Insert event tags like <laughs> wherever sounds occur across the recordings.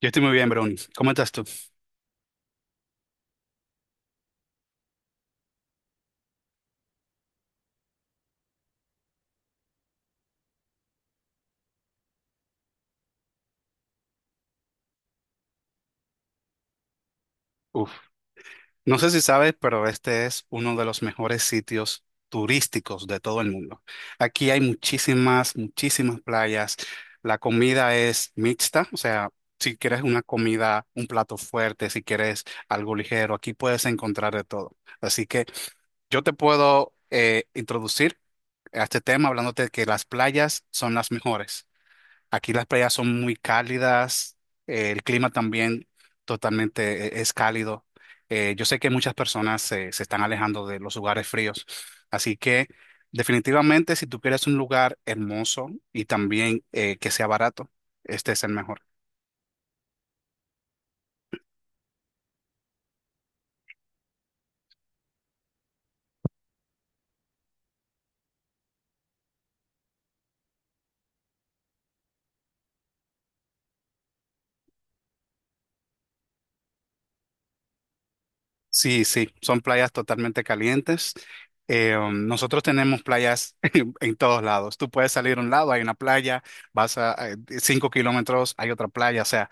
Yo estoy muy bien, Brony. ¿Cómo estás tú? Uf. No sé si sabes, pero este es uno de los mejores sitios turísticos de todo el mundo. Aquí hay muchísimas playas. La comida es mixta, o sea, si quieres una comida, un plato fuerte, si quieres algo ligero, aquí puedes encontrar de todo. Así que yo te puedo introducir a este tema hablándote de que las playas son las mejores. Aquí las playas son muy cálidas, el clima también totalmente es cálido. Yo sé que muchas personas se están alejando de los lugares fríos, así que definitivamente si tú quieres un lugar hermoso y también que sea barato, este es el mejor. Sí, sí, son playas totalmente calientes. Nosotros tenemos playas <laughs> en todos lados. Tú puedes salir a un lado, hay una playa, vas a 5 km, hay otra playa, o sea.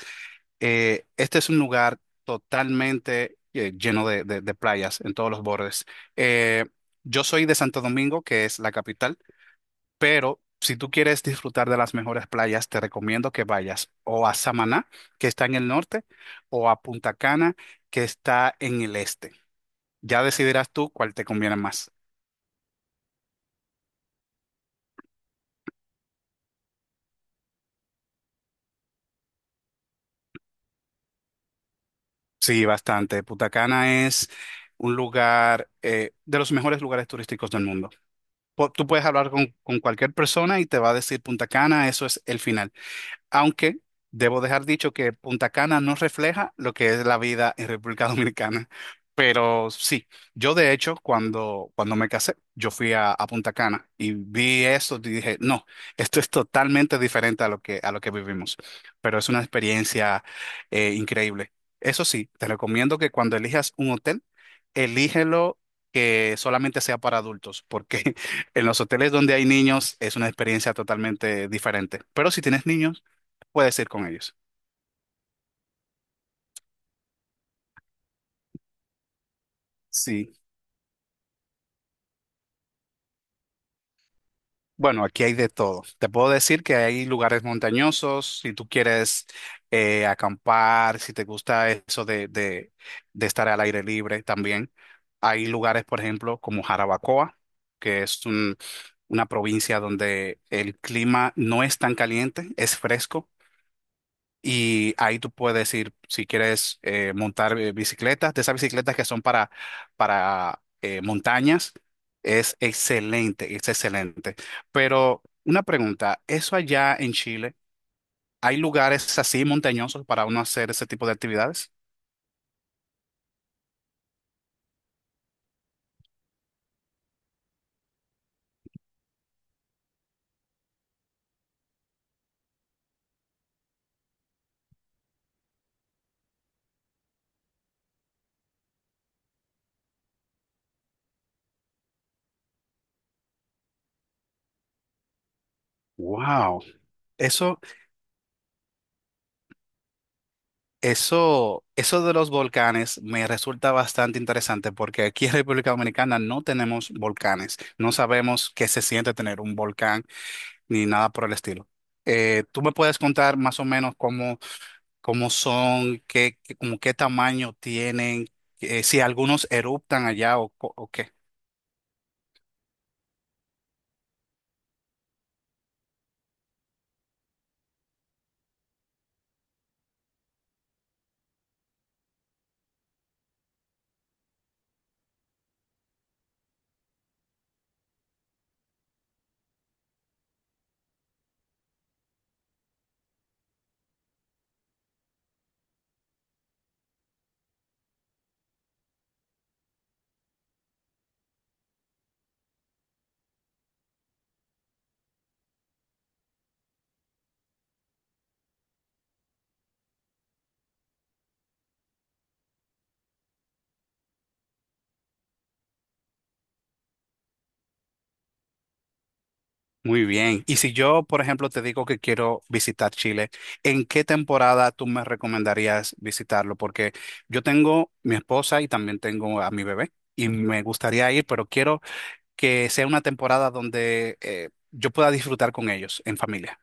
Este es un lugar totalmente lleno de playas en todos los bordes. Eh, yo soy de Santo Domingo, que es la capital, pero si tú quieres disfrutar de las mejores playas, te recomiendo que vayas o a Samaná, que está en el norte, o a Punta Cana, que está en el este. Ya decidirás tú cuál te conviene más. Sí, bastante. Punta Cana es un lugar de los mejores lugares turísticos del mundo. Tú puedes hablar con cualquier persona y te va a decir Punta Cana, eso es el final. Aunque debo dejar dicho que Punta Cana no refleja lo que es la vida en República <laughs> Dominicana. Pero sí, yo de hecho cuando me casé, yo fui a Punta Cana y vi eso y dije, no, esto es totalmente diferente a lo que vivimos. Pero es una experiencia increíble. Eso sí, te recomiendo que cuando elijas un hotel, elígelo que solamente sea para adultos, porque <laughs> en los hoteles donde hay niños es una experiencia totalmente diferente. Pero si tienes niños, puedes ir con ellos. Sí. Bueno, aquí hay de todo. Te puedo decir que hay lugares montañosos, si tú quieres acampar, si te gusta eso de estar al aire libre también. Hay lugares, por ejemplo, como Jarabacoa, que es un- una provincia donde el clima no es tan caliente, es fresco. Y ahí tú puedes ir, si quieres montar bicicletas, de esas bicicletas que son para montañas, es excelente, es excelente. Pero una pregunta, ¿eso allá en Chile, hay lugares así montañosos para uno hacer ese tipo de actividades? Wow, eso, eso de los volcanes me resulta bastante interesante porque aquí en República Dominicana no tenemos volcanes, no sabemos qué se siente tener un volcán ni nada por el estilo. ¿Tú me puedes contar más o menos cómo, cómo son, como qué tamaño tienen, si algunos eruptan allá o qué? Muy bien. Y si yo, por ejemplo, te digo que quiero visitar Chile, ¿en qué temporada tú me recomendarías visitarlo? Porque yo tengo mi esposa y también tengo a mi bebé y me gustaría ir, pero quiero que sea una temporada donde yo pueda disfrutar con ellos en familia.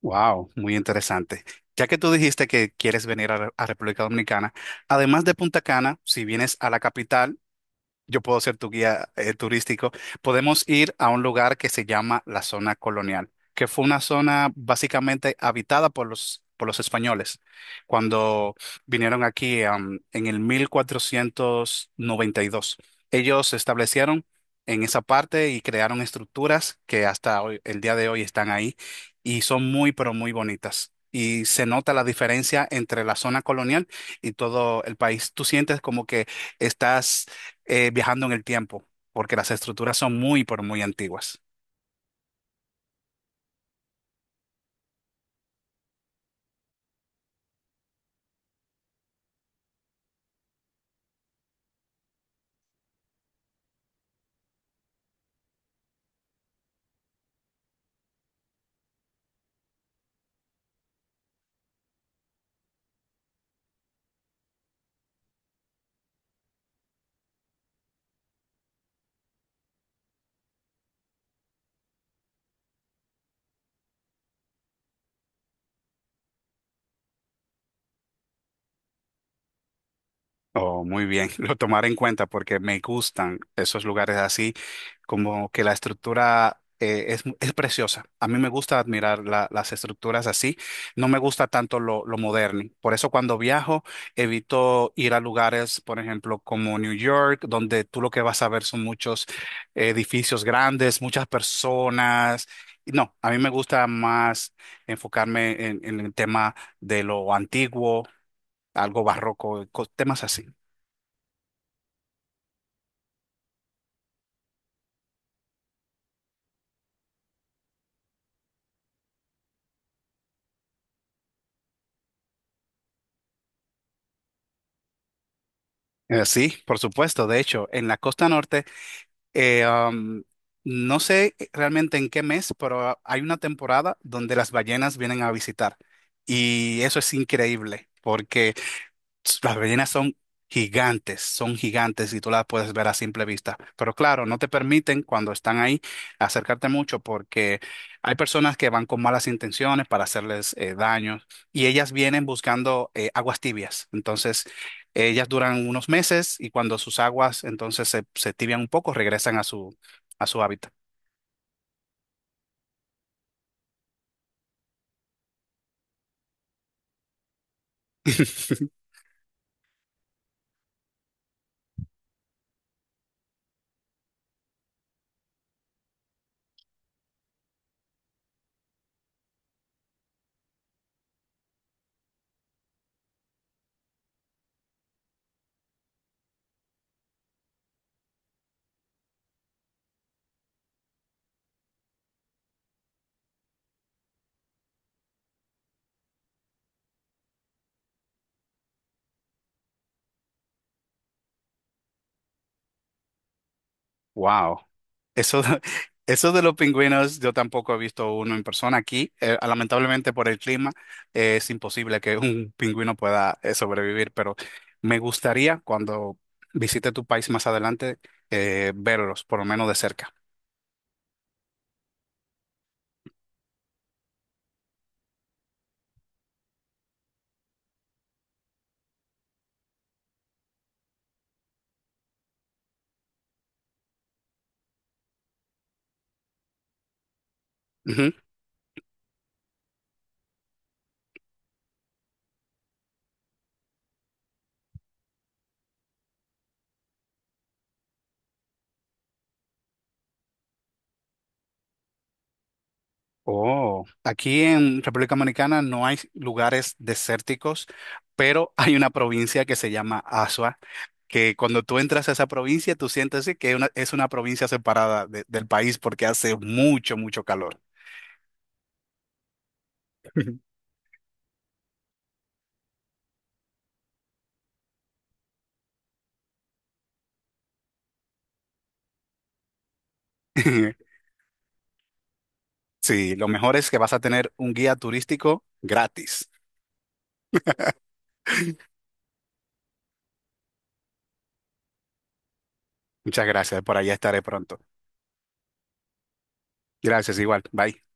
Wow, muy interesante. Ya que tú dijiste que quieres venir a República Dominicana, además de Punta Cana, si vienes a la capital, yo puedo ser tu guía turístico. Podemos ir a un lugar que se llama la zona colonial, que fue una zona básicamente habitada por por los españoles cuando vinieron aquí, en el 1492. Ellos se establecieron en esa parte y crearon estructuras que el día de hoy están ahí y son muy, pero muy bonitas. Y se nota la diferencia entre la zona colonial y todo el país. Tú sientes como que estás viajando en el tiempo, porque las estructuras son muy, pero muy antiguas. Oh, muy bien, <laughs> lo tomaré en cuenta porque me gustan esos lugares así, como que la estructura es preciosa. A mí me gusta admirar las estructuras así, no me gusta tanto lo moderno. Por eso cuando viajo evito ir a lugares, por ejemplo, como New York, donde tú lo que vas a ver son muchos edificios grandes, muchas personas. No, a mí me gusta más enfocarme en el tema de lo antiguo, algo barroco, temas así. Sí, por supuesto. De hecho, en la costa norte, eh, am, no sé realmente en qué mes, pero hay una temporada donde las ballenas vienen a visitar. Y eso es increíble, porque las ballenas son gigantes y tú las puedes ver a simple vista. Pero claro, no te permiten cuando están ahí acercarte mucho porque hay personas que van con malas intenciones para hacerles daño y ellas vienen buscando aguas tibias. Entonces, ellas duran unos meses y cuando sus aguas entonces se tibian un poco, regresan a su hábitat. <laughs> Wow. Eso, <laughs> eso de los pingüinos, yo tampoco he visto uno en persona aquí. Lamentablemente por el clima, es imposible que <laughs> un pingüino pueda sobrevivir, pero me gustaría cuando visite tu país más adelante, verlos, por lo menos de cerca. Ujú. Oh, aquí en República Dominicana no hay lugares desérticos, pero hay una provincia que se llama Asua que cuando tú entras a esa provincia, tú sientes sí, es una provincia separada del país porque hace mucho, mucho calor. <laughs> Sí, lo mejor es que vas a tener un guía turístico gratis. Muchas gracias, por allá estaré pronto. Gracias, igual, bye.